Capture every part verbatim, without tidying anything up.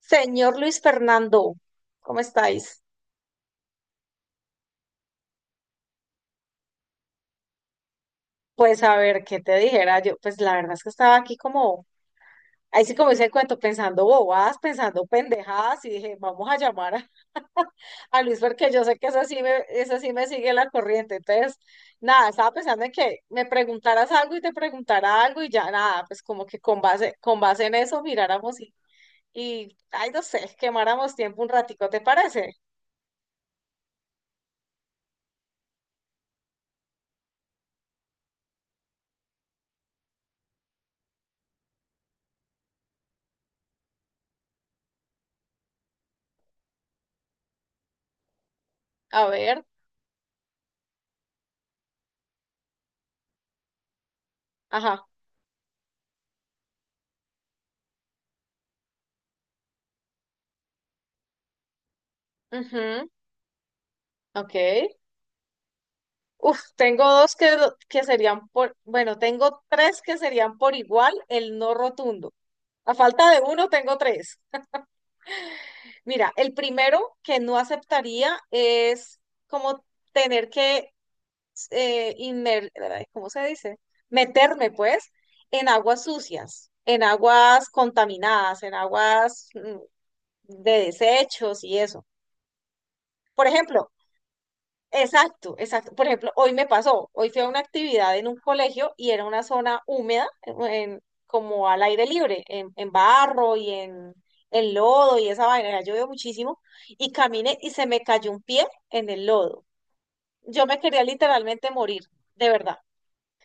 Señor Luis Fernando, ¿cómo estáis? Pues a ver, ¿qué te dijera yo? Pues la verdad es que estaba aquí como, ahí sí como dice el cuento, pensando bobadas, pensando pendejadas, y dije, vamos a llamar a, a Luis porque yo sé que eso sí me, eso sí me sigue la corriente. Entonces, nada, estaba pensando en que me preguntaras algo y te preguntara algo y ya nada, pues como que con base, con base en eso miráramos y, y, ay, no sé, quemáramos tiempo un ratico, ¿te parece? A ver, ajá, ujú, ok. Uf, tengo dos que, que serían por, bueno, tengo tres que serían por igual el no rotundo. A falta de uno, tengo tres. Mira, el primero que no aceptaría es como tener que, eh, inmer- ay, ¿cómo se dice? Meterme, pues, en aguas sucias, en aguas contaminadas, en aguas mm, de desechos y eso. Por ejemplo, exacto, exacto. Por ejemplo, hoy me pasó, hoy fui a una actividad en un colegio y era una zona húmeda, en- como al aire libre, en, en barro y en, en lodo y esa vaina, ya llovió muchísimo, y caminé y se me cayó un pie en el lodo. Yo me quería literalmente morir, de verdad.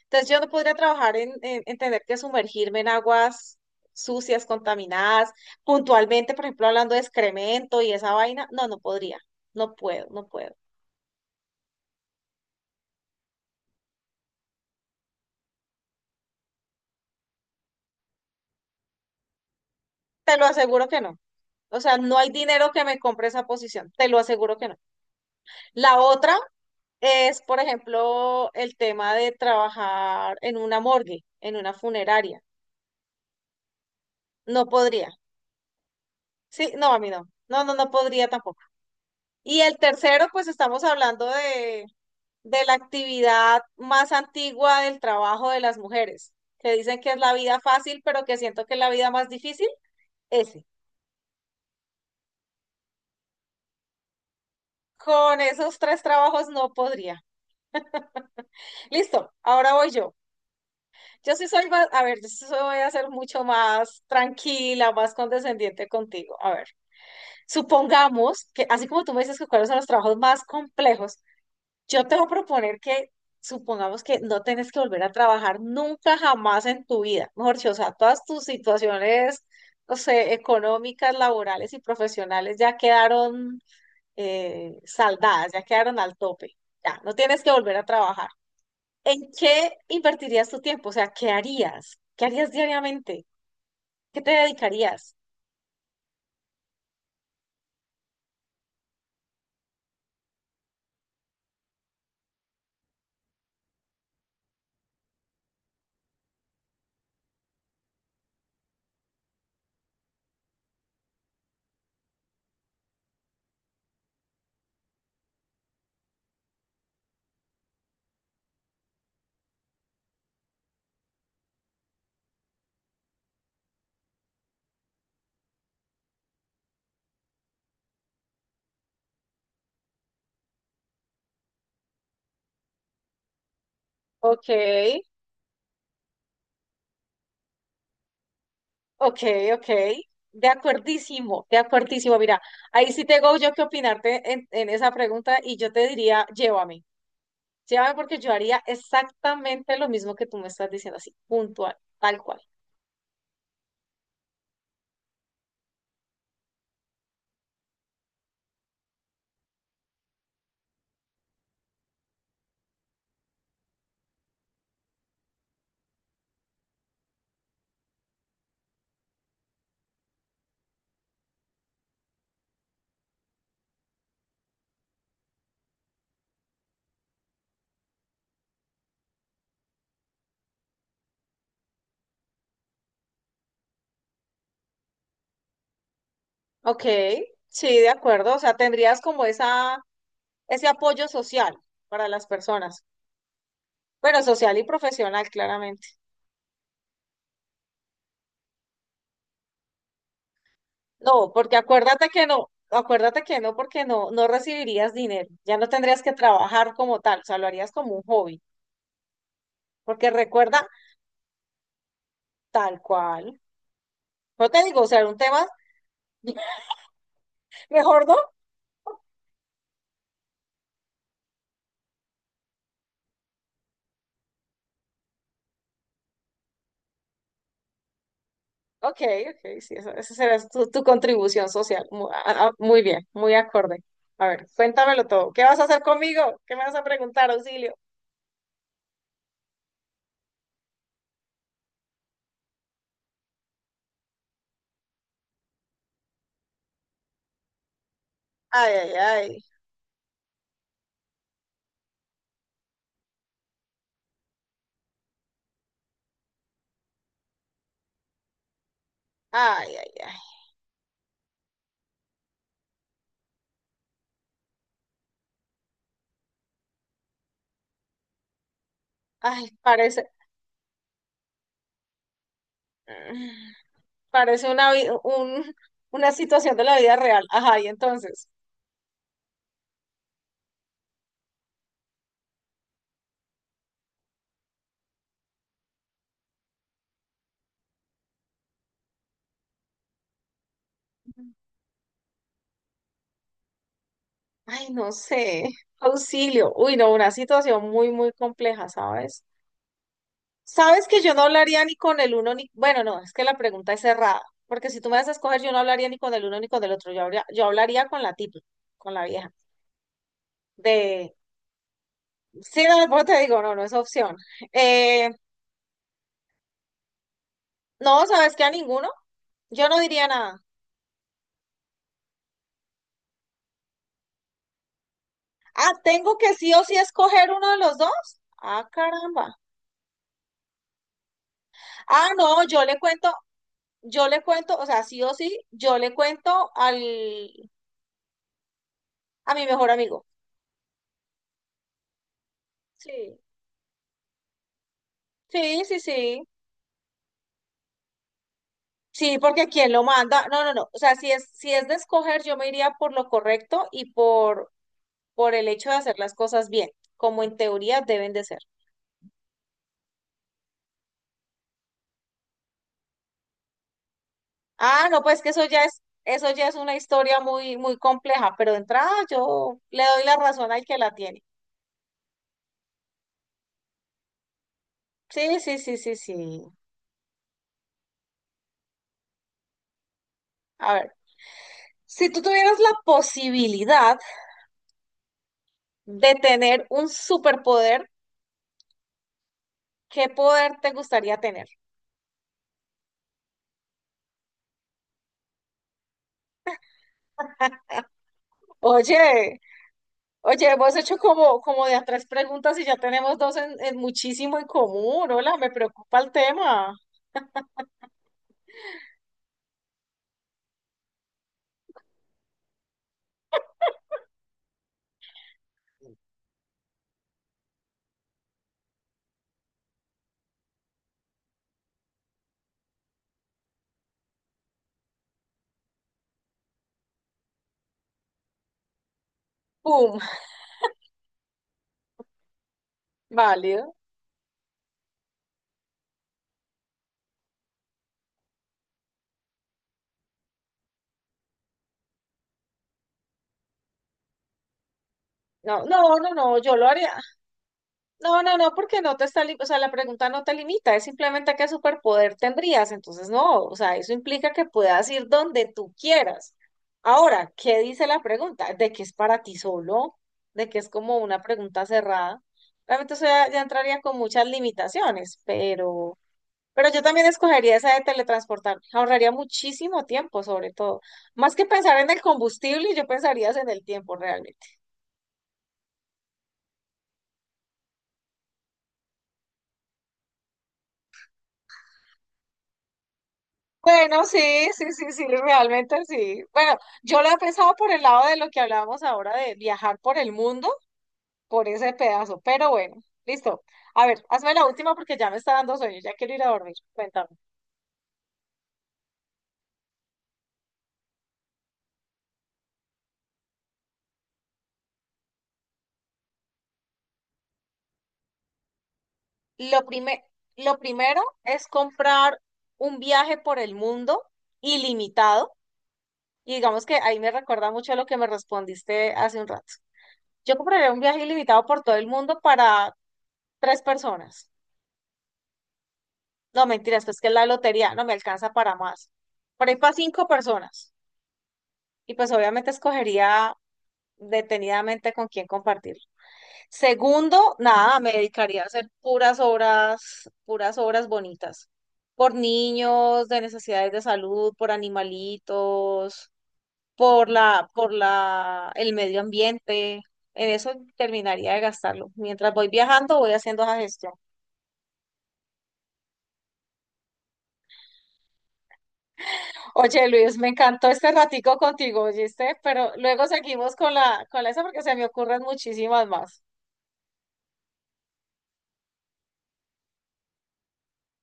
Entonces yo no podría trabajar en, en, en tener que sumergirme en aguas sucias, contaminadas, puntualmente, por ejemplo, hablando de excremento y esa vaina, no, no podría, no puedo, no puedo. Te lo aseguro que no. O sea, no hay dinero que me compre esa posición, te lo aseguro que no. La otra es, por ejemplo, el tema de trabajar en una morgue, en una funeraria. No podría. Sí, no, a mí no. No, no, no podría tampoco. Y el tercero, pues estamos hablando de, de la actividad más antigua del trabajo de las mujeres, que dicen que es la vida fácil, pero que siento que es la vida más difícil, ese. Con esos tres trabajos no podría. Listo, ahora voy yo. Yo sí soy más, a ver, yo sí soy- voy a ser mucho más tranquila, más condescendiente contigo. A ver, supongamos que, así como tú me dices que cuáles son los trabajos más complejos, yo te voy a proponer que supongamos que no tienes que volver a trabajar nunca jamás en tu vida. Mejor dicho, o sea, todas tus situaciones, no sé, económicas, laborales y profesionales ya quedaron eh, saldadas, ya quedaron al tope. Ya, no tienes que volver a trabajar. ¿En qué invertirías tu tiempo? O sea, ¿qué harías? ¿Qué harías diariamente? ¿Qué te dedicarías? Ok, ok, ok. De acuerdísimo, de acuerdísimo. Mira, ahí sí tengo yo que opinarte en, en esa pregunta y yo te diría, llévame. Llévame porque yo haría exactamente lo mismo que tú me estás diciendo, así, puntual, tal cual. Ok, sí, de acuerdo. O sea, tendrías como esa, ese apoyo social para las personas. Bueno, social y profesional, claramente. No, porque acuérdate que no, acuérdate que no, porque no, no recibirías dinero, ya no tendrías que trabajar como tal, o sea, lo harías como un hobby, porque recuerda tal cual. No te digo, o sea, era un tema, mejor no. Ok, ok, sí, esa, esa será tu, tu contribución social. Mu- a- a- Muy, bien, muy acorde. A ver, cuéntamelo todo. ¿Qué vas a hacer conmigo? ¿Qué me vas a preguntar, auxilio? Ay, ay, ay, ay, ay, ay, ay, parece, parece una, vi- un, una situación de la vida real. Ajá, y entonces. Ay, no sé. Auxilio. Uy, no, una situación muy, muy compleja, ¿sabes? Sabes que yo no hablaría ni con el uno ni... Bueno, no, es que la pregunta es cerrada, porque si tú me das a escoger, yo no hablaría ni con el uno ni con el otro. Yo habría- yo hablaría con la tipa, con la vieja. De... Sí, no, por eso te digo, no, no es opción. Eh, no, ¿sabes qué? A ninguno. Yo no diría nada. Ah, ¿tengo que sí o sí escoger uno de los dos? Ah, caramba. Ah, no, yo le cuento, yo le cuento, o sea, sí o sí, yo le cuento al, a mi mejor amigo. Sí. Sí, sí, sí. Sí, porque quién lo manda. No, no, no. O sea, si es, si es de escoger, yo me iría por lo correcto y por, por el hecho de hacer las cosas bien, como en teoría deben de ser. Ah, no, pues que eso ya es, eso ya es una historia muy, muy compleja, pero de entrada yo le doy la razón al que la tiene. Sí, sí, sí, sí, sí. A ver, si tú tuvieras la posibilidad de tener un superpoder, ¿qué poder te gustaría tener? Oye, oye, hemos hecho como, como de a tres preguntas y ya tenemos dos en, en muchísimo en común. Hola, me preocupa el tema. ¡Pum! Válido. No, no, no, no, yo lo haría, no, no, no, porque no te está, li- o sea, la pregunta no te limita, es simplemente qué superpoder tendrías, entonces no, o sea, eso implica que puedas ir donde tú quieras. Ahora, ¿qué dice la pregunta? ¿De que es para ti solo? ¿De que es como una pregunta cerrada? Realmente eso ya, ya entraría con muchas limitaciones, pero, pero yo también escogería esa de teletransportarme, ahorraría muchísimo tiempo sobre todo. Más que pensar en el combustible, yo pensaría es en el tiempo realmente. Bueno, sí, sí, sí, sí, realmente sí. Bueno, yo lo he pensado por el lado de lo que hablábamos ahora de viajar por el mundo, por ese pedazo, pero bueno, listo. A ver, hazme la última porque ya me está dando sueño, ya quiero ir a dormir. Cuéntame. Lo prime- lo primero es comprar un viaje por el mundo ilimitado. Y digamos que ahí me recuerda mucho a lo que me respondiste hace un rato. Yo compraría un viaje ilimitado por todo el mundo para tres personas. No, mentiras, pues que la lotería no me alcanza para más. Por ahí para cinco personas. Y pues obviamente escogería detenidamente con quién compartir. Segundo, nada, me dedicaría a hacer puras obras, puras obras bonitas. Por niños de necesidades de salud, por animalitos, por la, por la, el medio ambiente. En eso terminaría de gastarlo. Mientras voy viajando, voy haciendo esa gestión. Oye, Luis, me encantó este ratico contigo, ¿oíste? Pero luego seguimos con la, con la esa porque se me ocurren muchísimas más.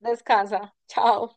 Descansa. Chao.